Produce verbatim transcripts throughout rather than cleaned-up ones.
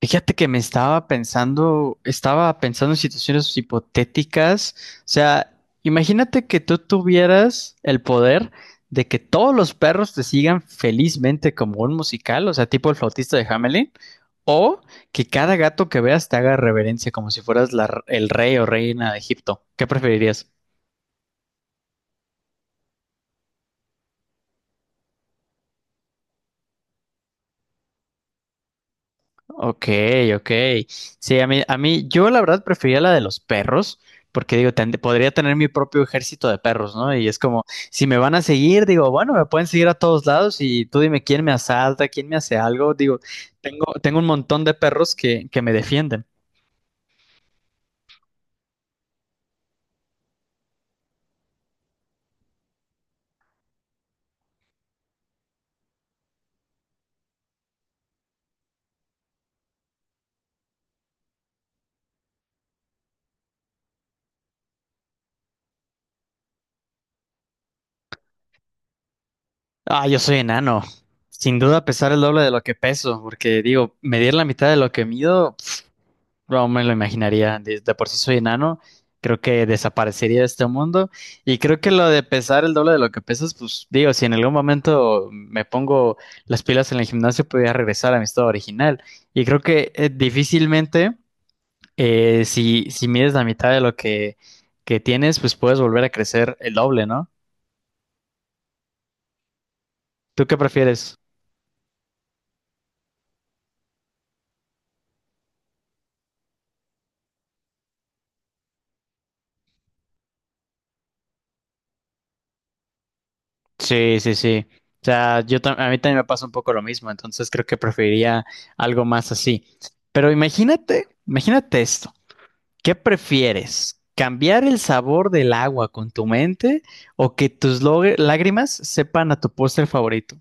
Fíjate que me estaba pensando, estaba pensando en situaciones hipotéticas. O sea, imagínate que tú tuvieras el poder de que todos los perros te sigan felizmente como un musical, o sea, tipo el flautista de Hamelin, o que cada gato que veas te haga reverencia como si fueras la r- el rey o reina de Egipto. ¿Qué preferirías? Ok, ok. Sí, a mí, a mí, yo la verdad prefería la de los perros, porque digo, ten- podría tener mi propio ejército de perros, ¿no? Y es como, si me van a seguir, digo, bueno, me pueden seguir a todos lados y tú dime quién me asalta, quién me hace algo. Digo, tengo, tengo un montón de perros que, que me defienden. Ah, yo soy enano. Sin duda pesar el doble de lo que peso, porque digo, medir la mitad de lo que mido. No me lo imaginaría. De, de por sí soy enano. Creo que desaparecería de este mundo. Y creo que lo de pesar el doble de lo que pesas, pues digo, si en algún momento me pongo las pilas en el gimnasio, podría regresar a mi estado original. Y creo que eh, difícilmente, eh, si, si mides la mitad de lo que, que tienes, pues puedes volver a crecer el doble, ¿no? ¿Tú qué prefieres? Sí, sí, sí. O sea, yo tam- a mí también me pasa un poco lo mismo, entonces creo que preferiría algo más así. Pero imagínate, imagínate esto. ¿Qué prefieres? ¿Cambiar el sabor del agua con tu mente o que tus lo- lágrimas sepan a tu postre favorito?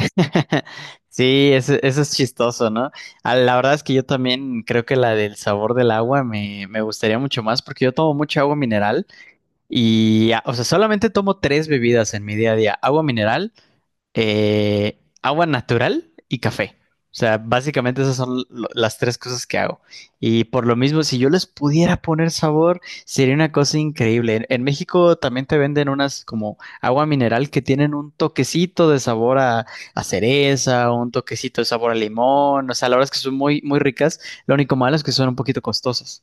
Sí, ese- eso, es chistoso, ¿no? Ah, la verdad es que yo también creo que la del sabor del agua me, me gustaría mucho más porque yo tomo mucha agua mineral y, ah, o sea, solamente tomo tres bebidas en mi día a día. Agua mineral, eh, agua natural y café. O sea, básicamente esas son lo- las tres cosas que hago. Y por lo mismo, si yo les pudiera poner sabor, sería una cosa increíble. En, en México también te venden unas como agua mineral que tienen un toquecito de sabor a, a cereza, un toquecito de sabor a limón. O sea, la verdad es que son muy, muy ricas. Lo único malo es que son un poquito costosas.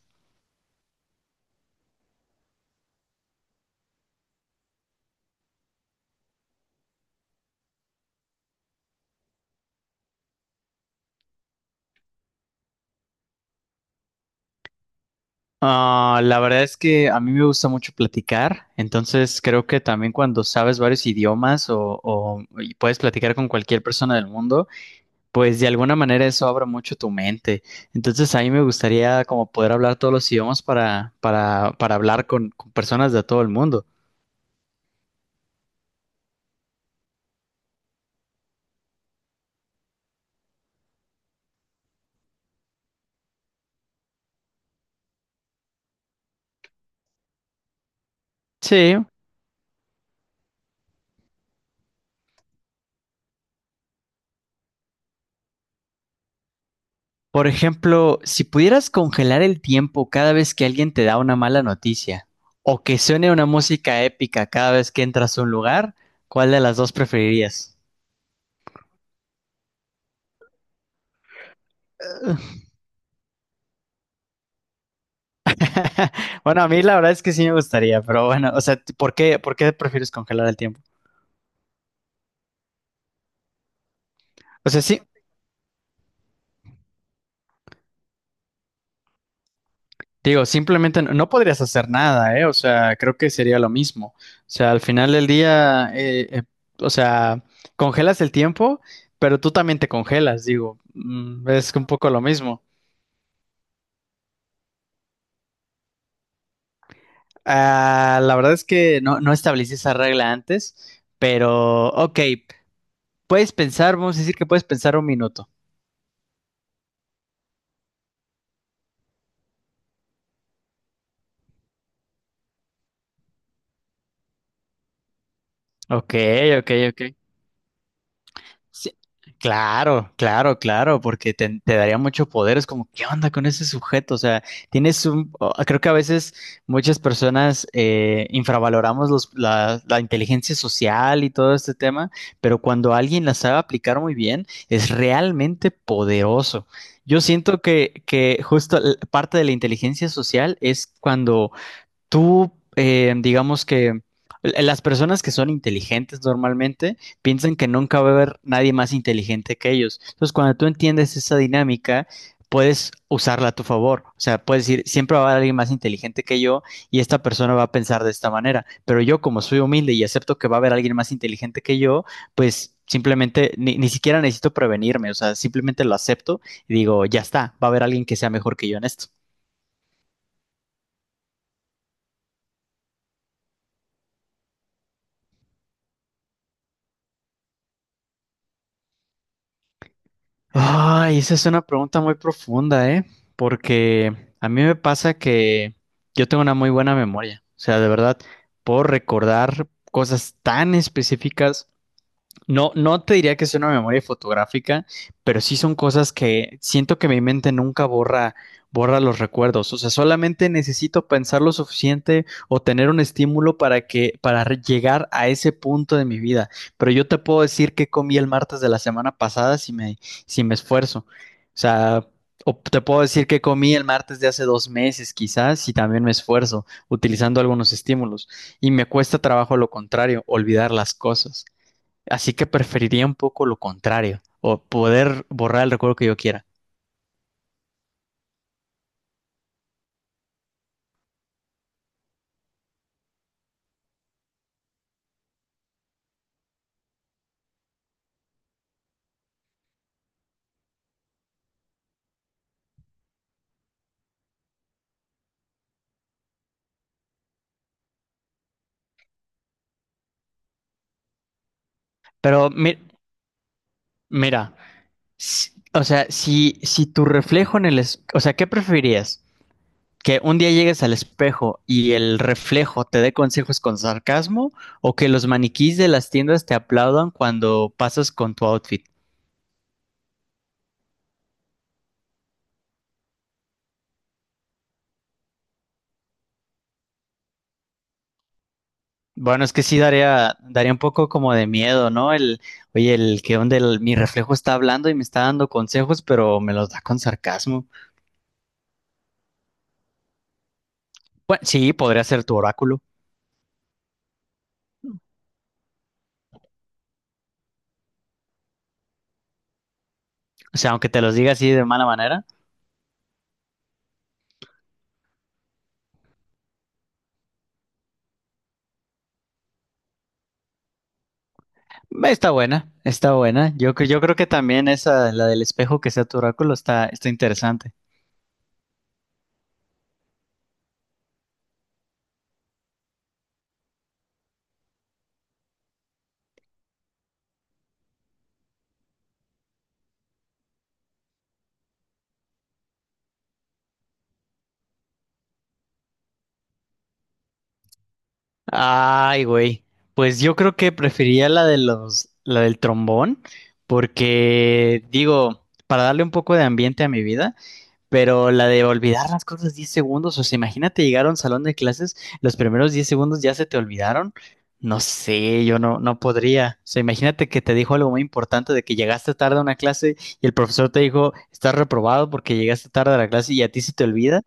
Ah, la verdad es que a mí me gusta mucho platicar, entonces creo que también cuando sabes varios idiomas o, o- y puedes platicar con cualquier persona del mundo, pues de alguna manera eso abre mucho tu mente. Entonces a mí me gustaría como poder hablar todos los idiomas para, para, para hablar con, con personas de todo el mundo. Sí. Por ejemplo, si pudieras congelar el tiempo cada vez que alguien te da una mala noticia o que suene una música épica cada vez que entras a un lugar, ¿cuál de las dos preferirías? Bueno, a mí la verdad es que sí me gustaría, pero bueno, o sea, ¿por qué, por qué prefieres congelar el tiempo? O sea, sí, digo, simplemente no, no podrías hacer nada, ¿eh? O sea, creo que sería lo mismo. O sea, al final del día, eh, eh, o sea, congelas el tiempo, pero tú también te congelas, digo, mm, es un poco lo mismo. Ah, la verdad es que no, no establecí esa regla antes, pero ok, puedes pensar, vamos a decir que puedes pensar un minuto. Ok, ok, ok. Sí, claro, claro, claro, porque te, te daría mucho poder. Es como, ¿qué onda con ese sujeto? O sea, tienes un... o- Creo que a veces muchas personas eh, infravaloramos los- la, la inteligencia social y todo este tema, pero cuando alguien la sabe aplicar muy bien, es realmente poderoso. Yo siento que, que justo l- parte de la inteligencia social es cuando tú, eh, digamos que l- eh, las personas que son inteligentes normalmente piensan que nunca va a haber nadie más inteligente que ellos. Entonces, cuando tú entiendes esa dinámica, puedes usarla a tu favor. O sea, puedes decir, siempre va a haber alguien más inteligente que yo y esta persona va a pensar de esta manera. Pero yo, como soy humilde y acepto que va a haber alguien más inteligente que yo, pues simplemente ni, ni siquiera necesito prevenirme. O sea, simplemente lo acepto y digo, ya está, va a haber alguien que sea mejor que yo en esto. Ay, esa es una pregunta muy profunda, ¿eh? Porque a mí me pasa que yo tengo una muy buena memoria. O sea, de verdad, puedo recordar cosas tan específicas. No, no te diría que sea una memoria fotográfica, pero sí son cosas que siento que mi mente nunca borra, borra los recuerdos. O sea, solamente necesito pensar lo suficiente o tener un estímulo para que, para re- llegar a ese punto de mi vida. Pero yo te puedo decir que comí el martes de la semana pasada si me, si me esfuerzo. O sea, o te puedo decir que comí el martes de hace dos meses, quizás, si también me esfuerzo, utilizando algunos estímulos. Y me cuesta trabajo lo contrario, olvidar las cosas. Así que preferiría un poco lo contrario, o poder borrar el recuerdo que yo quiera. Pero mi- mira, si- o sea, si, si tu reflejo en el... es- o sea, ¿qué preferirías? ¿Que un día llegues al espejo y el reflejo te dé consejos con sarcasmo? ¿O que los maniquís de las tiendas te aplaudan cuando pasas con tu outfit? Bueno, es que sí daría, daría un poco como de miedo, ¿no? El, oye, el que donde el- mi reflejo está hablando y me está dando consejos, pero me los da con sarcasmo. Bueno, sí, podría ser tu oráculo. O sea, aunque te los diga así de mala manera, está buena, está buena. Yo, cre- yo creo que también esa, la del espejo que sea tu oráculo, está, está interesante. Ay, güey. Pues yo creo que prefería la de los, la del trombón, porque digo, para darle un poco de ambiente a mi vida. Pero la de olvidar las cosas diez segundos, o sea, imagínate llegar a un salón de clases, los primeros diez segundos ya se te olvidaron. No sé, yo no, no podría. O sea, imagínate que te dijo algo muy importante de que llegaste tarde a una clase y el profesor te dijo, estás reprobado porque llegaste tarde a la clase y a ti se te olvida.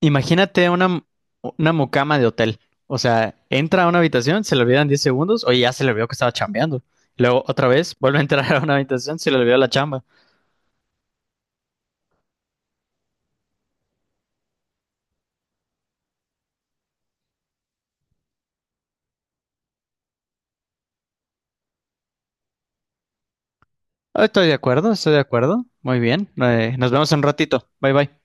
Imagínate una, una mucama de hotel. O sea, entra a una habitación, se le olvidan diez segundos, oye, ya se le olvidó que estaba chambeando. Luego otra vez, vuelve a entrar a una habitación, se le olvidó la chamba. Estoy de acuerdo, estoy de acuerdo. Muy bien. Eh, nos vemos en un ratito. Bye bye.